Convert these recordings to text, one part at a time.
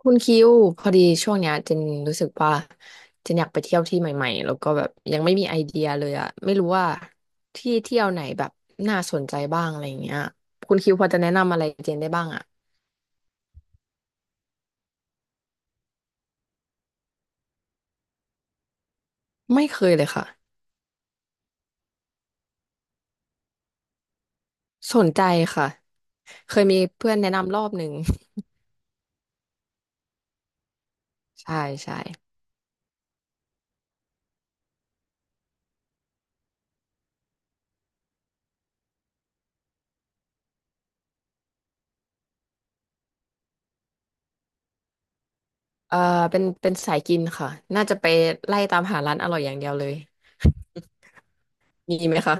คุณคิวพอดีช่วงเนี้ยเจนรู้สึกว่าเจนอยากไปเที่ยวที่ใหม่ๆแล้วก็แบบยังไม่มีไอเดียเลยอะไม่รู้ว่าที่เที่ยวไหนแบบน่าสนใจบ้างอะไรอย่างเงี้ยคุณคิวพอจะแนะนำอะไรเจนได้บ้างอะไม่เคยเลยค่ะสนใจค่ะเคยมีเพื่อนแนะนำรอบหนึ่ง ใช่ใช่เออเป็นสายกินค่ะน่าจะไปไล่ตามหาร้านอร่อยอย่างเดียวเลยมีไหมคะ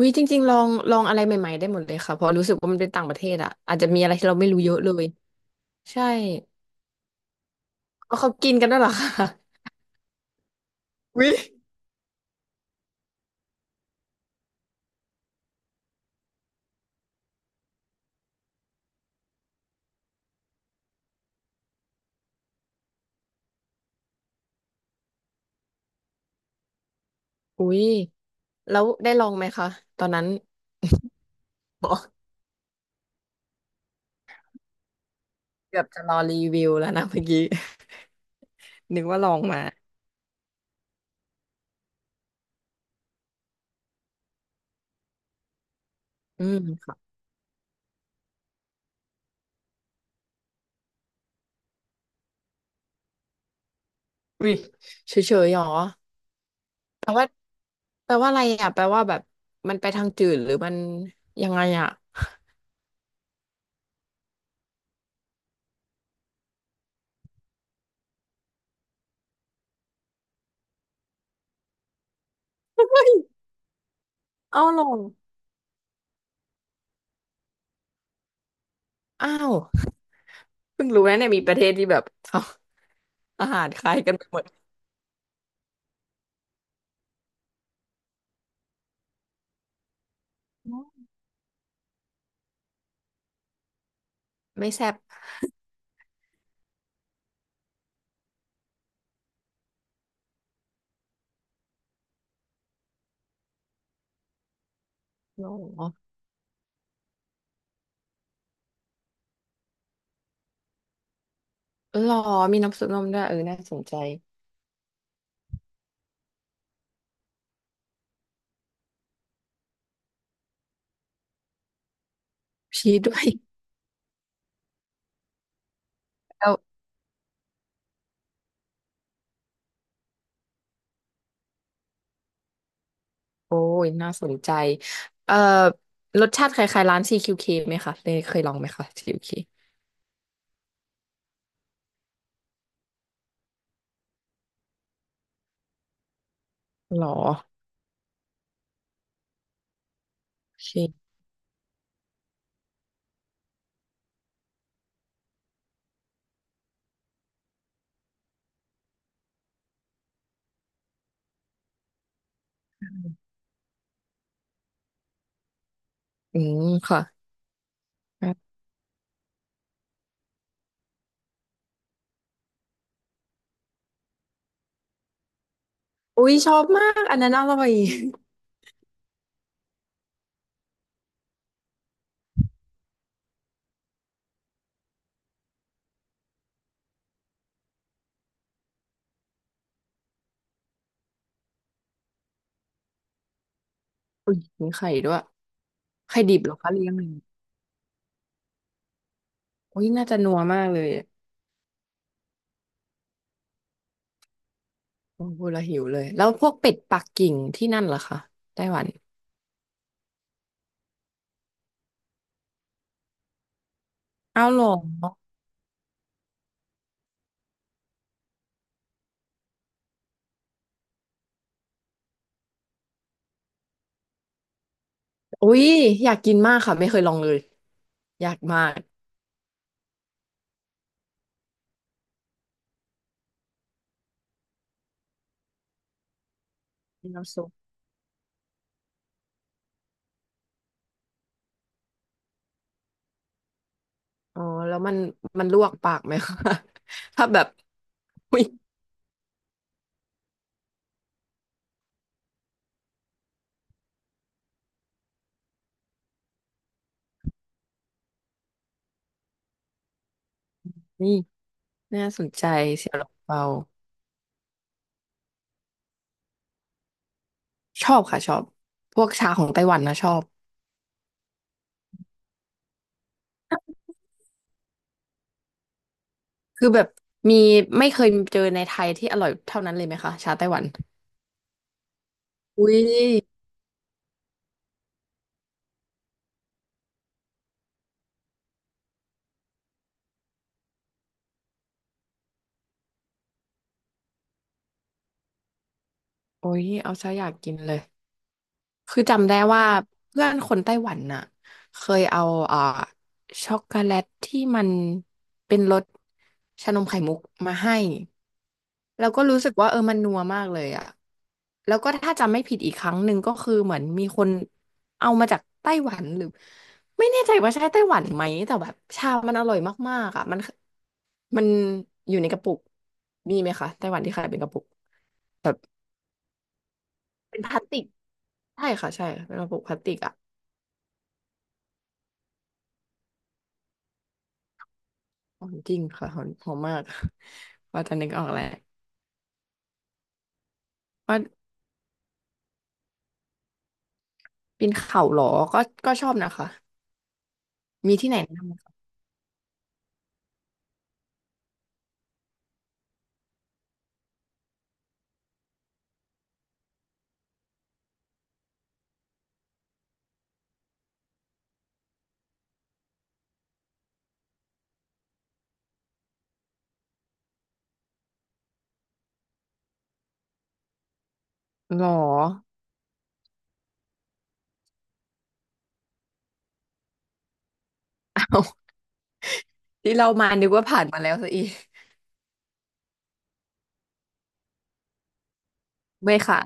วิจริงๆลองอะไรใหม่ๆได้หมดเลยค่ะเพราะรู้สึกว่ามันเป็นต่างประเทศอะอาจจะมีอะไรที่เราไม่รู้เยอะเลยใช่ เอเขากินกันด้วยเหรอคะวิอุ้ยแล้วได้ลองไหมคะ ตอนนั้นบอกเกือบจะรอรีวิวแล้วนะเมื่อกี้ นึกว่าลองมา อืมค่ะวิเฉยๆหรอ แปลว่าอะไรอ่ะแปลว่าแบบมันไปทางจืดหรือมันยังไงอ่ะเฮ้ยเอาลอง อ้าวเพิ่งรู้นะเนี่ยมีประเทศที่แบบ ทำอาหารคล้ายกันไปหมด ไม่แซ่บหรอเออหรอมีน้ำซุปนมด้วยเออน่าสนใจชีสด้วย โอ้ยน่าสนใจเอ่อรสชาติคล้ายๆร้าน CQK ไหมคะเคยลองไหมคะ CQK หรอโอเคอืมค่ะครับอุ้ยชอบมากอันนั้นอร่อยอุ้ยมีไข่ด้วยไข่ดิบเหรอคะเลี้ยงเลยอุ้ยน่าจะนัวมากเลยอะโอ้โหละหิวเลยแล้วพวกเป็ดปักกิ่งที่นั่นเหรอคะไต้หวันเอาหรออุ้ยอยากกินมากค่ะไม่เคยลองเลยอยากมากน้ำซุปอ๋อแล้วมันลวกปากไหมคะ ถ้าแบบอุ้ย น่าสนใจเสี่ยวหลงเปาชอบค่ะชอบพวกชาของไต้หวันนะชอบคือแบบมีไม่เคยเจอในไทยที่อร่อยเท่านั้นเลยไหมคะชาไต้หวันอุ้ยโอ้ยเอาซะอยากกินเลยคือจำได้ว่าเพื่อนคนไต้หวันน่ะเคยเอาอ่าช็อกโกแลตที่มันเป็นรสชานมไข่มุกมาให้ แล้วก็รู้สึกว่าเออมันนัวมากเลยอะแล้วก็ถ้าจำไม่ผิดอีกครั้งหนึ่งก็คือเหมือนมีคนเอามาจากไต้หวันหรือไม่แน่ใจว่าใช่ไต้หวันไหมแต่แบบชามันอร่อยมากๆอะมันมันอยู่ในกระปุกมีไหมคะไต้หวันที่ขายเป็นกระปุกแบบเป็นพลาสติกใช่ค่ะใช่เป็นกระปุกพลาสติกอะหอมจริงค่ะหอมหอมมาก ว่าจะนึกออกแล้วว่าปีนเขาเหรอก็ก็ชอบนะคะมีที่ไหนแนะนำไหมคะหรอเอาที่เรามานึกว่าผ่านมาแล้วซะอีก ไม่ค่ะ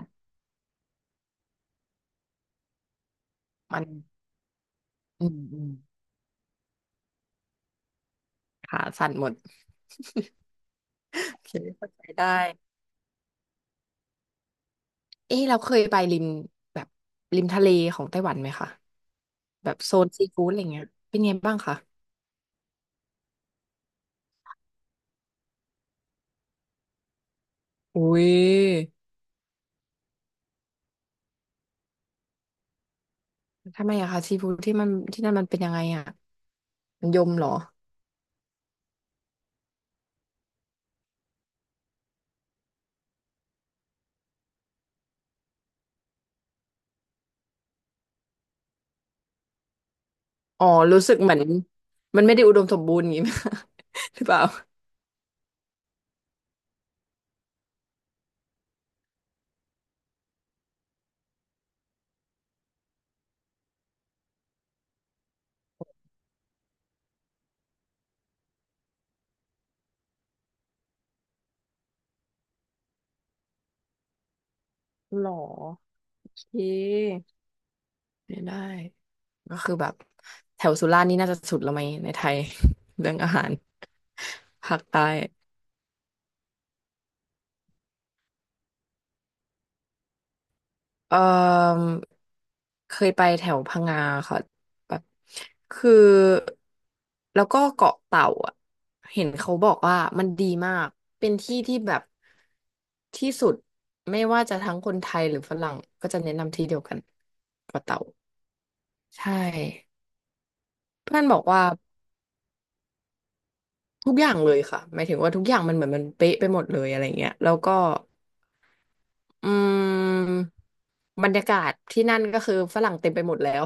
มันอืมอืมขาสั่นหมดโอเคเข้าใจได้เอ๊ะเราเคยไปริมแบบริมทะเลของไต้หวันไหมคะแบบโซนซีฟู้ดอะไรเงี้ยเป็นไงบ้างคะอุ้ยทำไมอะคะซีฟู้ดที่มันที่นั่นมันเป็นยังไงอะมันยมเหรออ๋อรู้สึกเหมือนมันไม่ได้อุดมสมบูรณ์อย่างงี้ ไหมคะหรือเปล่าหรอโอเค ไม่ได้ ก็คือแบบแถวสุราษฎร์นี่น่าจะสุดแล้วไหมในไทย เรื่องอาหารภาคใต้เอ่อเคยไปแถวพังงาค่ะแบบคือแล้วก็เกาะเต่าอ่ะเห็นเขาบอกว่ามันดีมากเป็นที่ที่แบบที่สุดไม่ว่าจะทั้งคนไทยหรือฝรั่งก็จะแนะนำที่เดียวกันเกาะเต่าใช่เพื่อนบอกว่า ทุกอย่างเลยค่ะหมายถึงว่าทุกอย่างมันเหมือนมันเป๊ะไปหมดเลยอะไรเงี้ยแล้วก็อืมบรรยากาศที่นั่นก็คือฝรั่งเต็มไปหมดแล้ว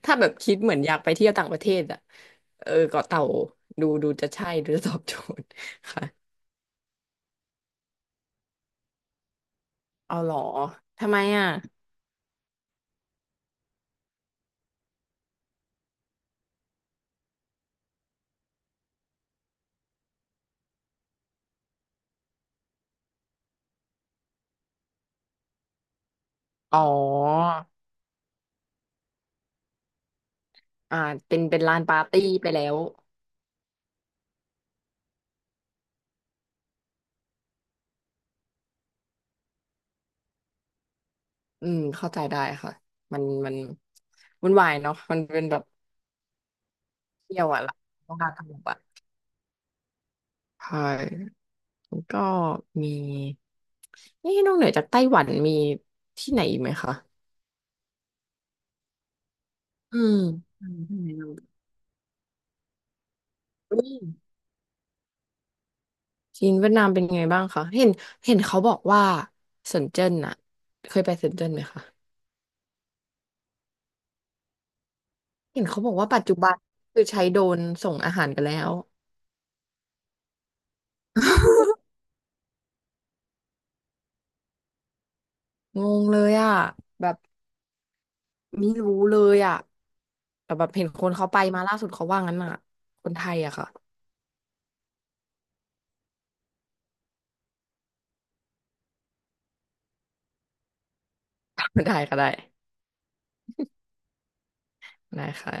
ถ้าแบบคิดเหมือนอยากไปเที่ยวต่างประเทศอ่ะเออเกาะเต่าดูจะใช่หรือตอบโจทย์ค่ะเอาเหรอทำไมอ่ะอ๋ออ่าเป็นลานปาร์ตี้ไปแล้วอืมเข้าใจได้ค่ะมันวุ่นวายเนาะมันเป็นแบบเที่ยวอะล่ะต้องการสงบอะใช่ แล้วก็มีนี่นอกเหนือจากไต้หวันมีที่ไหนอีกไหมคะอืมจีนเวียดนามเป็นไงบ้างคะเห็นเขาบอกว่าเซินเจิ้นอะเคยไปเซินเจิ้นไหมคะเห็นเขาบอกว่าปัจจุบันคือใช้โดรนส่งอาหารกันแล้ว งงเลยอะแบบไม่รู้เลยอะแต่แบบเห็นคนเขาไปมาล่าสุดเขาว่างั้นอะคนไทยอะค่ะ ได้ก็ได้ได้ค่ะ